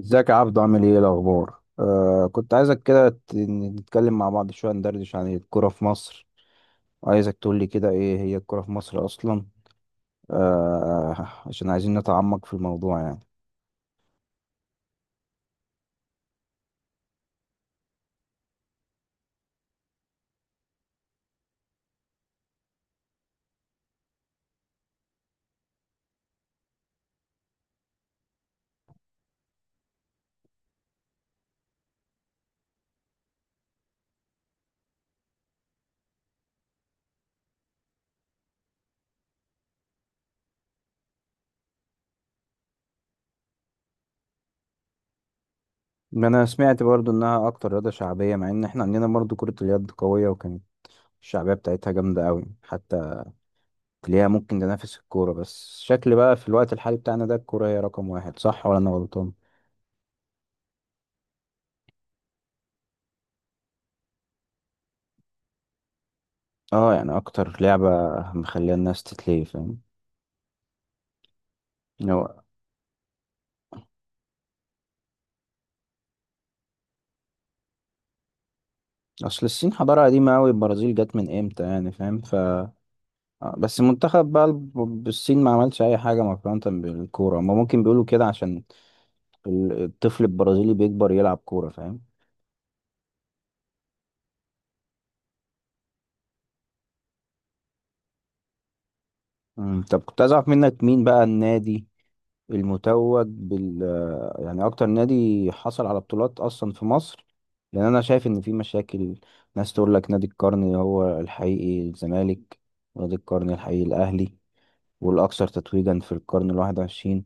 ازيك يا عبدو؟ عامل ايه؟ إيه الاخبار؟ كنت عايزك كده نتكلم مع بعض شويه، ندردش عن الكوره في مصر. عايزك تقول لي كده ايه هي الكوره في مصر اصلا؟ عشان عايزين نتعمق في الموضوع يعني. ما انا سمعت برضو انها اكتر رياضه شعبيه، مع ان احنا عندنا برضو كره اليد قويه، وكانت الشعبيه بتاعتها جامده قوي، حتى تلاقيها ممكن تنافس الكوره. بس شكل بقى في الوقت الحالي بتاعنا ده، الكوره هي رقم واحد، صح ولا انا غلطان؟ اه يعني اكتر لعبه مخليه الناس تتلهي، فاهم. اصل الصين حضاره قديمه قوي، البرازيل جت من امتى يعني، فاهم. ف بس المنتخب بقى الصين ما عملش اي حاجه مقارنه بالكوره، هما ممكن بيقولوا كده عشان الطفل البرازيلي بيكبر يلعب كوره، فاهم. مم. طب كنت عايز اعرف منك مين بقى النادي المتوج بال، يعني اكتر نادي حصل على بطولات اصلا في مصر. لان انا شايف ان في مشاكل، ناس تقول لك نادي القرن هو الحقيقي الزمالك، ونادي القرن الحقيقي الاهلي، والأكثر تتويجا في القرن الواحد وعشرين.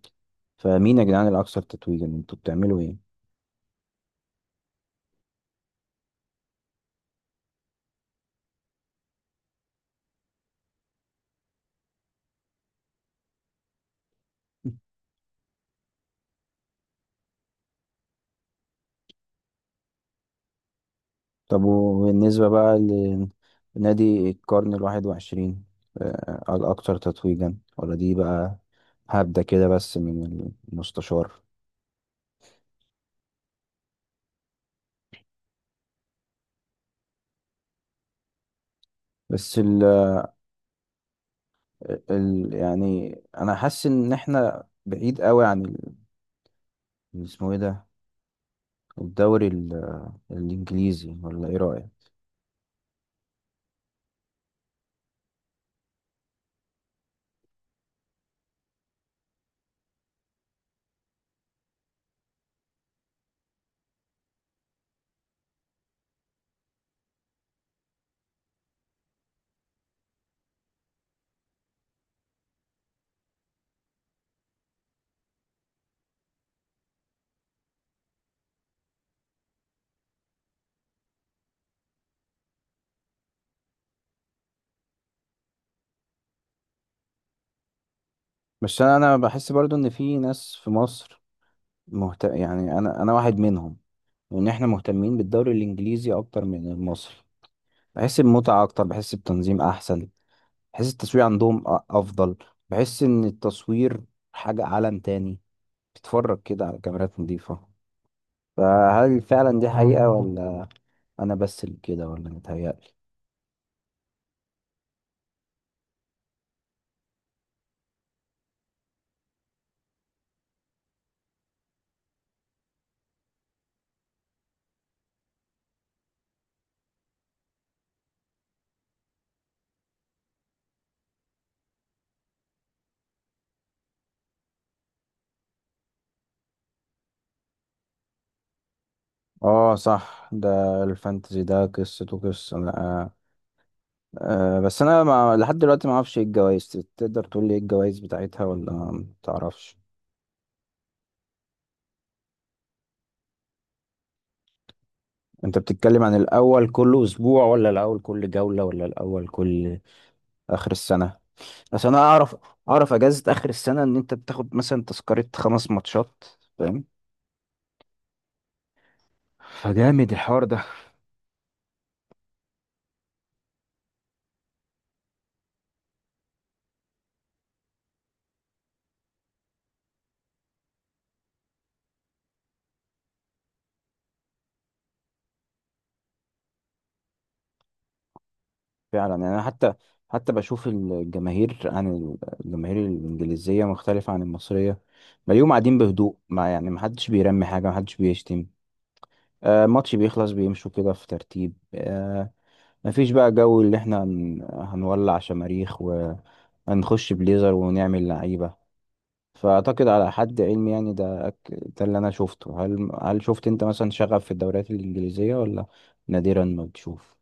فمين يا جدعان الأكثر تتويجا؟ انتوا بتعملوا ايه؟ طب وبالنسبة بقى لنادي القرن الواحد وعشرين، الأكثر تتويجا ولا دي بقى هبدة كده بس من المستشار؟ بس ال ال يعني أنا حاسس إن إحنا بعيد قوي عن اسمه إيه ده، الدوري الإنجليزي، ولا إيه رأيك؟ بس أنا بحس برضو إن في ناس في مصر يعني أنا واحد منهم، وان احنا مهتمين بالدوري الانجليزي اكتر من المصري. بحس بمتعة اكتر، بحس بتنظيم احسن، بحس التصوير عندهم افضل. بحس ان التصوير حاجة عالم تاني، بتتفرج كده على كاميرات نظيفة. فهل فعلا دي حقيقة، ولا انا بس اللي كده ولا متهيألي؟ اه صح، ده الفانتزي ده قصته قصة، لا. أه بس انا ما لحد دلوقتي ما اعرفش ايه الجوائز. تقدر تقول لي ايه الجوائز بتاعتها، ولا ما تعرفش؟ انت بتتكلم عن الاول كل اسبوع، ولا الاول كل جولة، ولا الاول كل اخر السنة؟ اصل انا اعرف اجازة اخر السنة ان انت بتاخد مثلا تذكرة خمس ماتشات، فاهم. فجامد الحوار ده. فعلا يعني، انا حتى بشوف الجماهير عن الجماهير الانجليزية مختلفة عن المصرية. بلاقيهم قاعدين بهدوء، ما يعني محدش بيرمي حاجة، محدش بيشتم. آه ماتش بيخلص بيمشوا كده في ترتيب، مفيش بقى جو اللي احنا هنولع شماريخ وهنخش بليزر ونعمل لعيبة. فأعتقد على حد علمي يعني، ده ده اللي أنا شفته. هل شفت أنت مثلا شغف في الدوريات الإنجليزية، ولا نادرا ما بتشوف؟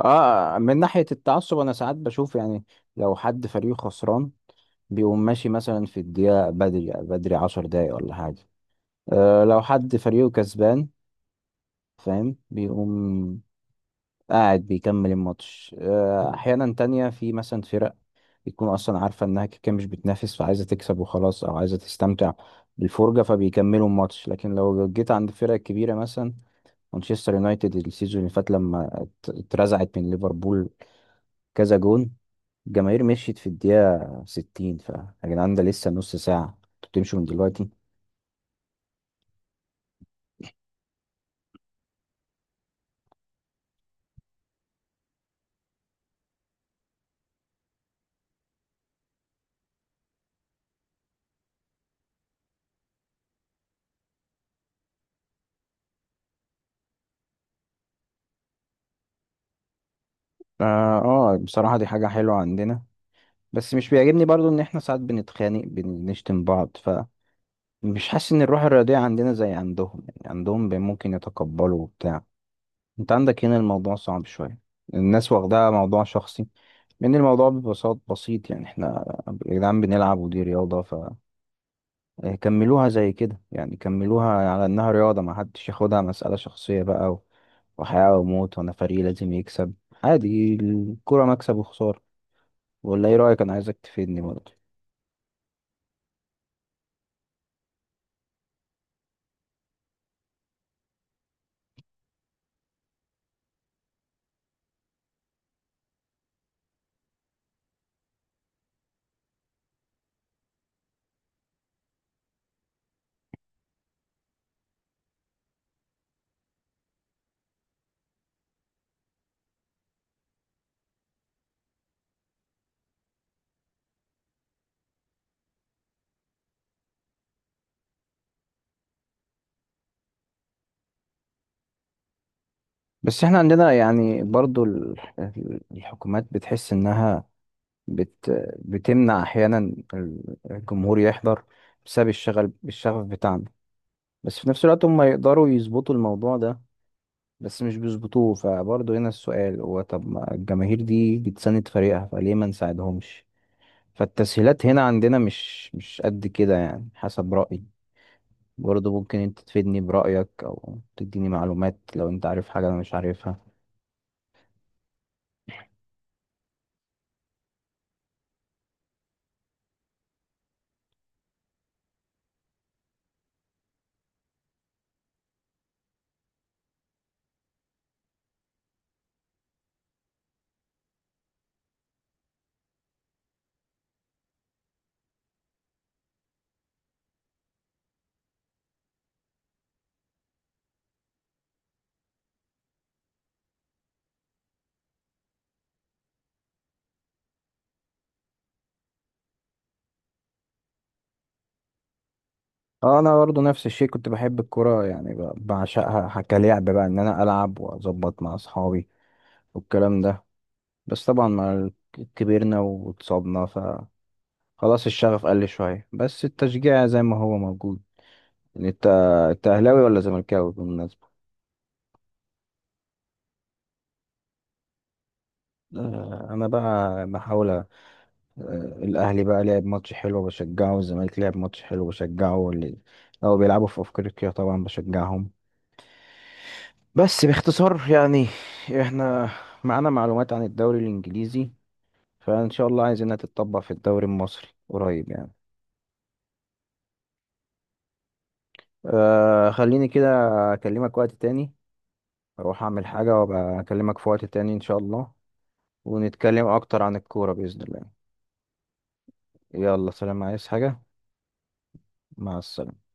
آه من ناحية التعصب، أنا ساعات بشوف يعني لو حد فريقه خسران بيقوم ماشي مثلا في الدقيقة بدري بدري 10 دقايق ولا حاجة. آه لو حد فريقه كسبان، فاهم، بيقوم قاعد بيكمل الماتش. احيانا تانية في مثلا فرق بتكون اصلا عارفه انها كده كده مش بتنافس، فعايزه تكسب وخلاص، او عايزه تستمتع بالفرجه، فبيكملوا الماتش. لكن لو جيت عند الفرق الكبيره مثلا مانشستر يونايتد السيزون اللي فات لما اترزعت من ليفربول كذا جون، الجماهير مشيت في الدقيقه 60. ف يا جدعان ده لسه نص ساعه، انتوا بتمشوا من دلوقتي؟ اه. بصراحه دي حاجه حلوه عندنا. بس مش بيعجبني برضو ان احنا ساعات بنتخانق، بنشتم بعض. ف مش حاسس ان الروح الرياضيه عندنا زي عندهم، يعني عندهم ممكن يتقبلوا وبتاع. انت عندك هنا الموضوع صعب شوية، الناس واخداها موضوع شخصي. لأن الموضوع ببساطة بسيط، يعني احنا يا جدعان بنلعب ودي رياضة، فكملوها زي كده يعني، كملوها على إنها رياضة، ما حدش ياخدها مسألة شخصية بقى، وحياة وموت، وأنا فريق لازم يكسب. عادي، الكرة مكسب وخسارة. ولا إيه رأيك؟ أنا عايزك تفيدني برضه. بس احنا عندنا يعني برضه الحكومات بتحس إنها بت بتمنع احيانا الجمهور يحضر بسبب الشغف بتاعنا. بس في نفس الوقت هم يقدروا يظبطوا الموضوع ده، بس مش بيظبطوه. فبرضه هنا السؤال هو، طب ما الجماهير دي بتساند فريقها، فليه ما نساعدهمش؟ فالتسهيلات هنا عندنا مش قد كده، يعني حسب رأيي. برضه ممكن انت تفيدني برأيك او تديني معلومات لو انت عارف حاجة انا مش عارفها. اه انا برضه نفس الشيء، كنت بحب الكرة، يعني بعشقها. كلعب بقى ان انا العب واظبط مع اصحابي والكلام ده. بس طبعا مع كبرنا واتصابنا، ف خلاص الشغف قل شوية، بس التشجيع زي ما هو موجود. يعني انت، انت اهلاوي ولا زملكاوي بالمناسبة؟ انا بقى بحاول. الاهلي بقى لعب ماتش حلو بشجعه، والزمالك لعب ماتش حلو بشجعه، واللي لو بيلعبوا في افريقيا طبعا بشجعهم. بس باختصار يعني، احنا معانا معلومات عن الدوري الانجليزي، فان شاء الله عايزينها تتطبق في الدوري المصري قريب يعني. خليني كده أكلمك وقت تاني، أروح أعمل حاجة وأبقى أكلمك في وقت تاني إن شاء الله. ونتكلم أكتر عن الكورة بإذن الله. يلا سلام، عايز حاجة؟ مع السلامة.